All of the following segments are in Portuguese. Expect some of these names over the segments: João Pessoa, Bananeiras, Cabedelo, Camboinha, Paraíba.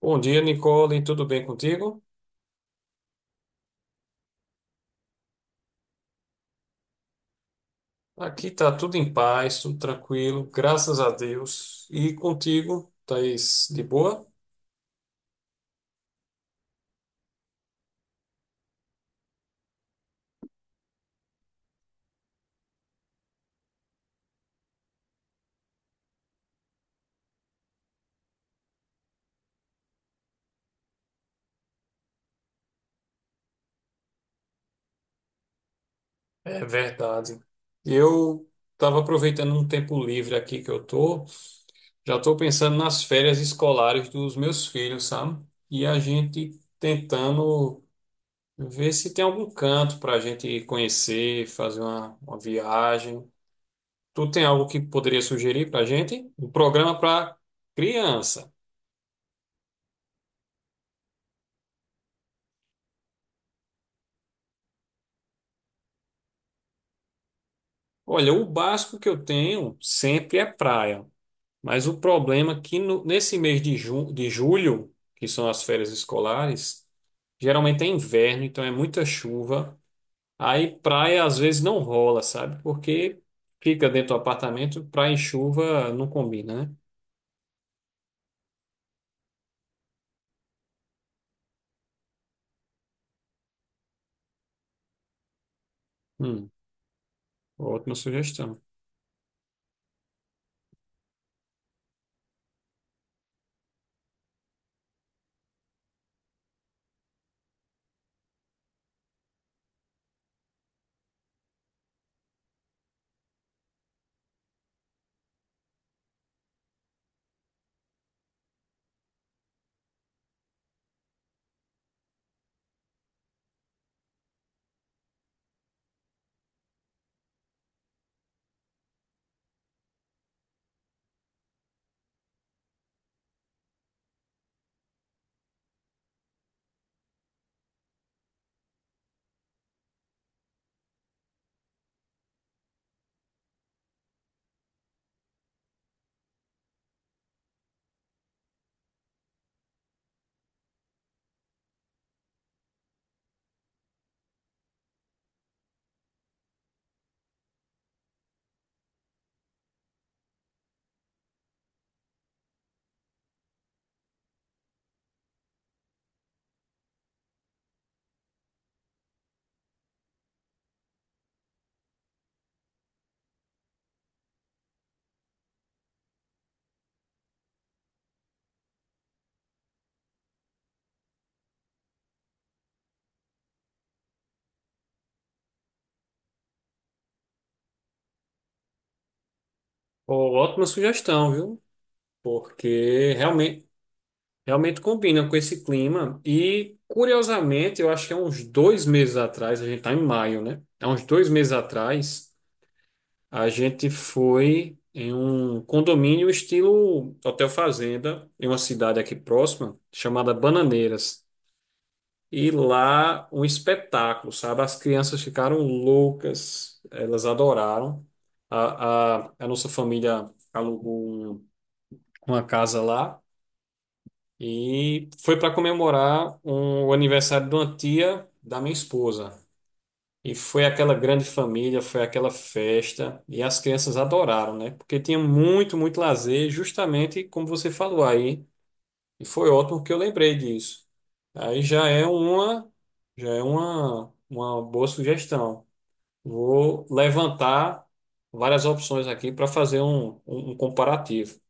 Bom dia, Nicole. Tudo bem contigo? Aqui tá tudo em paz, tudo tranquilo, graças a Deus. E contigo, Thaís, de boa? É verdade. Eu estava aproveitando um tempo livre aqui que eu tô. Já estou pensando nas férias escolares dos meus filhos, sabe? E a gente tentando ver se tem algum canto para a gente conhecer, fazer uma viagem. Tu tem algo que poderia sugerir para a gente? Um programa para criança. Olha, o básico que eu tenho sempre é praia, mas o problema é que nesse mês de julho, que são as férias escolares, geralmente é inverno, então é muita chuva. Aí praia às vezes não rola, sabe? Porque fica dentro do apartamento, praia e chuva não combina, né? Hum, Ótima sugestão. Ó, ótima sugestão, viu? Porque realmente combina com esse clima. E, curiosamente, eu acho que há uns dois meses atrás, a gente está em maio, né? Há uns dois meses atrás, a gente foi em um condomínio estilo Hotel Fazenda, em uma cidade aqui próxima, chamada Bananeiras. E lá, um espetáculo, sabe? As crianças ficaram loucas, elas adoraram. A nossa família alugou uma casa lá. E foi para comemorar o aniversário de uma tia da minha esposa. E foi aquela grande família, foi aquela festa. E as crianças adoraram, né? Porque tinha muito, muito lazer, justamente como você falou aí. E foi ótimo que eu lembrei disso. Aí já é uma boa sugestão. Vou levantar várias opções aqui para fazer um comparativo.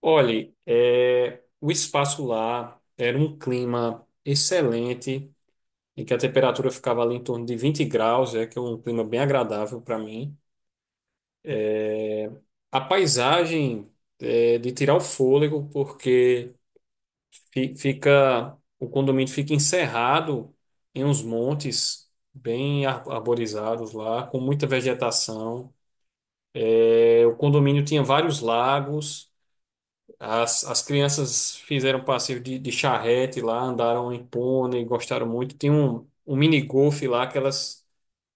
Olhe, é, o espaço lá era um clima excelente, em que a temperatura ficava ali em torno de 20 graus, é que é um clima bem agradável para mim. A paisagem é de tirar o fôlego, porque fi- fica o condomínio fica encerrado em uns montes bem arborizados lá, com muita vegetação. É, o condomínio tinha vários lagos. As crianças fizeram passeio de charrete lá, andaram em pônei, gostaram muito. Tem mini golfe lá que elas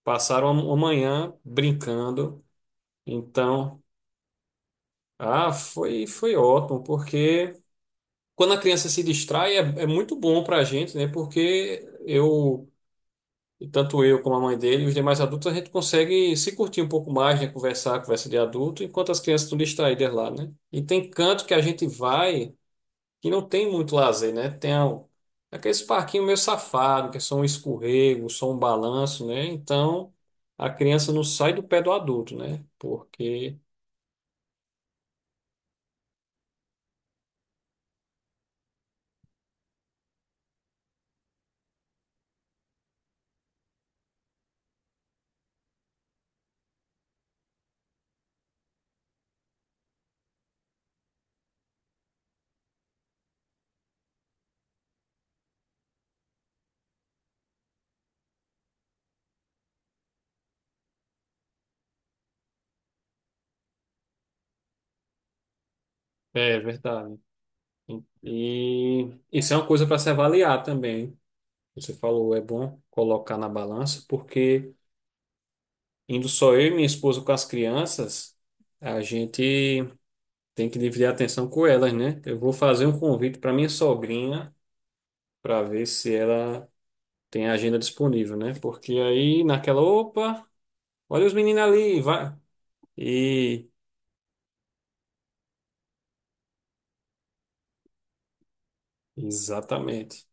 passaram a manhã brincando. Então, ah, foi ótimo, porque quando a criança se distrai é muito bom para a gente, né? Porque eu, tanto eu como a mãe dele, e os demais adultos, a gente consegue se curtir um pouco mais, né? Conversar, conversa de adulto, enquanto as crianças estão distraídas lá, né? E tem canto que a gente vai que não tem muito lazer, né? Tem aqueles parquinhos meio safado, que é só um escorrego, só um balanço, né? Então a criança não sai do pé do adulto, né? Porque é verdade. E isso é uma coisa para se avaliar também. Você falou, é bom colocar na balança, porque indo só eu e minha esposa com as crianças, a gente tem que dividir a atenção com elas, né? Eu vou fazer um convite para minha sogrinha para ver se ela tem a agenda disponível, né? Porque aí naquela, opa, olha os meninos ali, vai. E exatamente.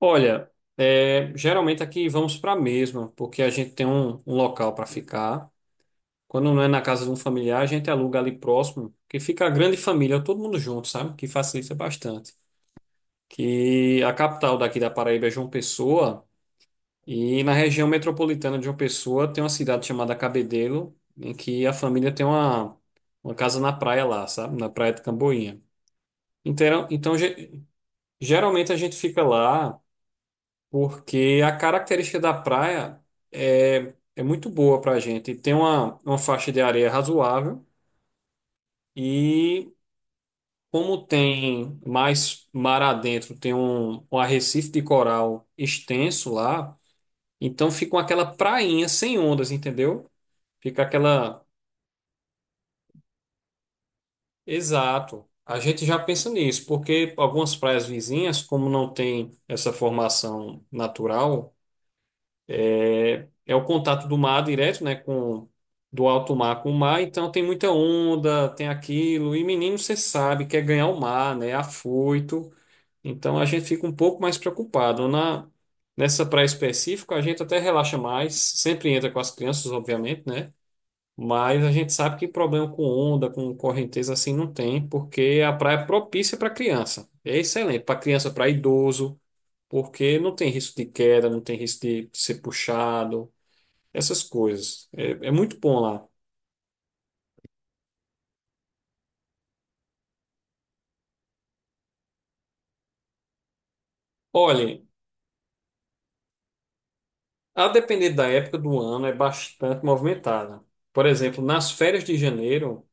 Olha, é, geralmente aqui vamos para a mesma, porque a gente tem local para ficar. Quando não é na casa de um familiar, a gente aluga ali próximo, que fica a grande família, todo mundo junto, sabe? Que facilita bastante. Que a capital daqui da Paraíba é João Pessoa. E na região metropolitana de João Pessoa tem uma cidade chamada Cabedelo, em que a família tem uma casa na praia lá, sabe? Na praia de Camboinha. Então, geralmente a gente fica lá porque a característica da praia é muito boa para a gente. Tem uma faixa de areia razoável e como tem mais mar adentro, tem um arrecife de coral extenso lá, então fica aquela prainha sem ondas, entendeu? Fica aquela. Exato. A gente já pensa nisso, porque algumas praias vizinhas, como não tem essa formação natural, é o contato do mar direto, né, com do alto mar com o mar, então tem muita onda, tem aquilo, e menino você sabe quer ganhar o mar, né, é afoito. Então a gente fica um pouco mais preocupado na nessa praia específica, a gente até relaxa mais, sempre entra com as crianças, obviamente, né? Mas a gente sabe que problema com onda, com correnteza assim não tem, porque a praia é propícia para criança. É excelente para criança, para idoso, porque não tem risco de queda, não tem risco de ser puxado, essas coisas. É muito bom lá. Olhem, a depender da época do ano, é bastante movimentada. Por exemplo, nas férias de janeiro,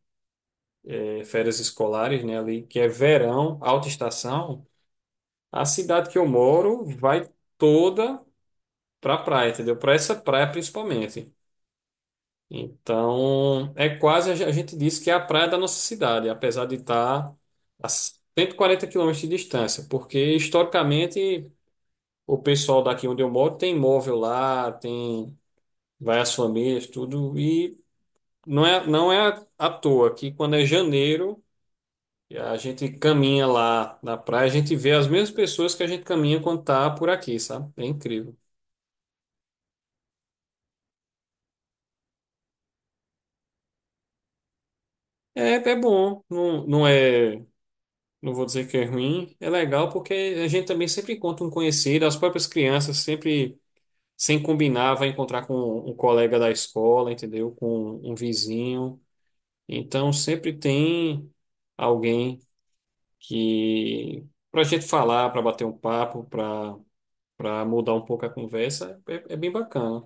férias escolares, né, ali, que é verão, alta estação, a cidade que eu moro vai toda para a praia, entendeu? Para essa praia principalmente. Então, é quase, a gente diz que é a praia da nossa cidade, apesar de estar a 140 quilômetros de distância, porque historicamente o pessoal daqui onde eu moro tem imóvel lá, tem várias famílias, tudo, e não é à toa que quando é janeiro, e a gente caminha lá na praia, a gente vê as mesmas pessoas que a gente caminha quando tá por aqui, sabe? É incrível. É bom, não, não é. Não vou dizer que é ruim, é legal porque a gente também sempre encontra um conhecido, as próprias crianças sempre, sem combinar, vai encontrar com um colega da escola, entendeu? Com um vizinho. Então sempre tem alguém que para a gente falar, para bater um papo, para mudar um pouco a conversa, é bem bacana.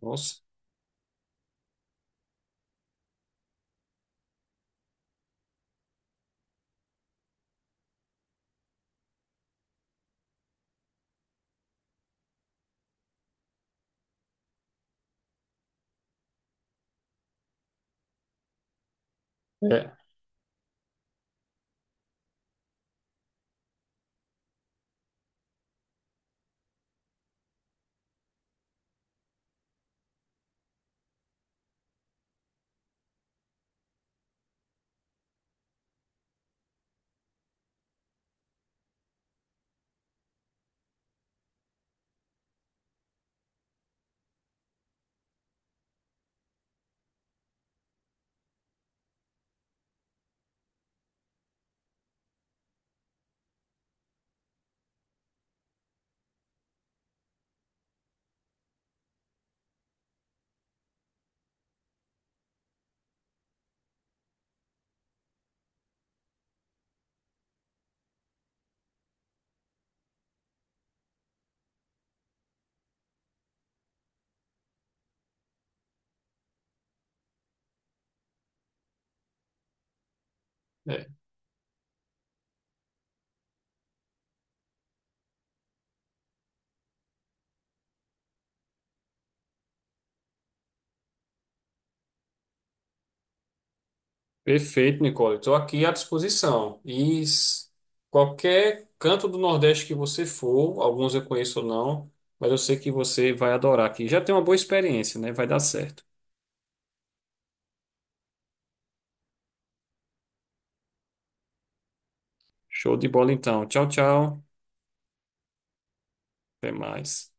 Nossa. É. Perfeito, Nicole. Estou aqui à disposição. Qualquer canto do Nordeste que você for, alguns eu conheço ou não, mas eu sei que você vai adorar aqui. Já tem uma boa experiência, né? Vai dar certo. Show de bola então. Tchau, tchau. Até mais.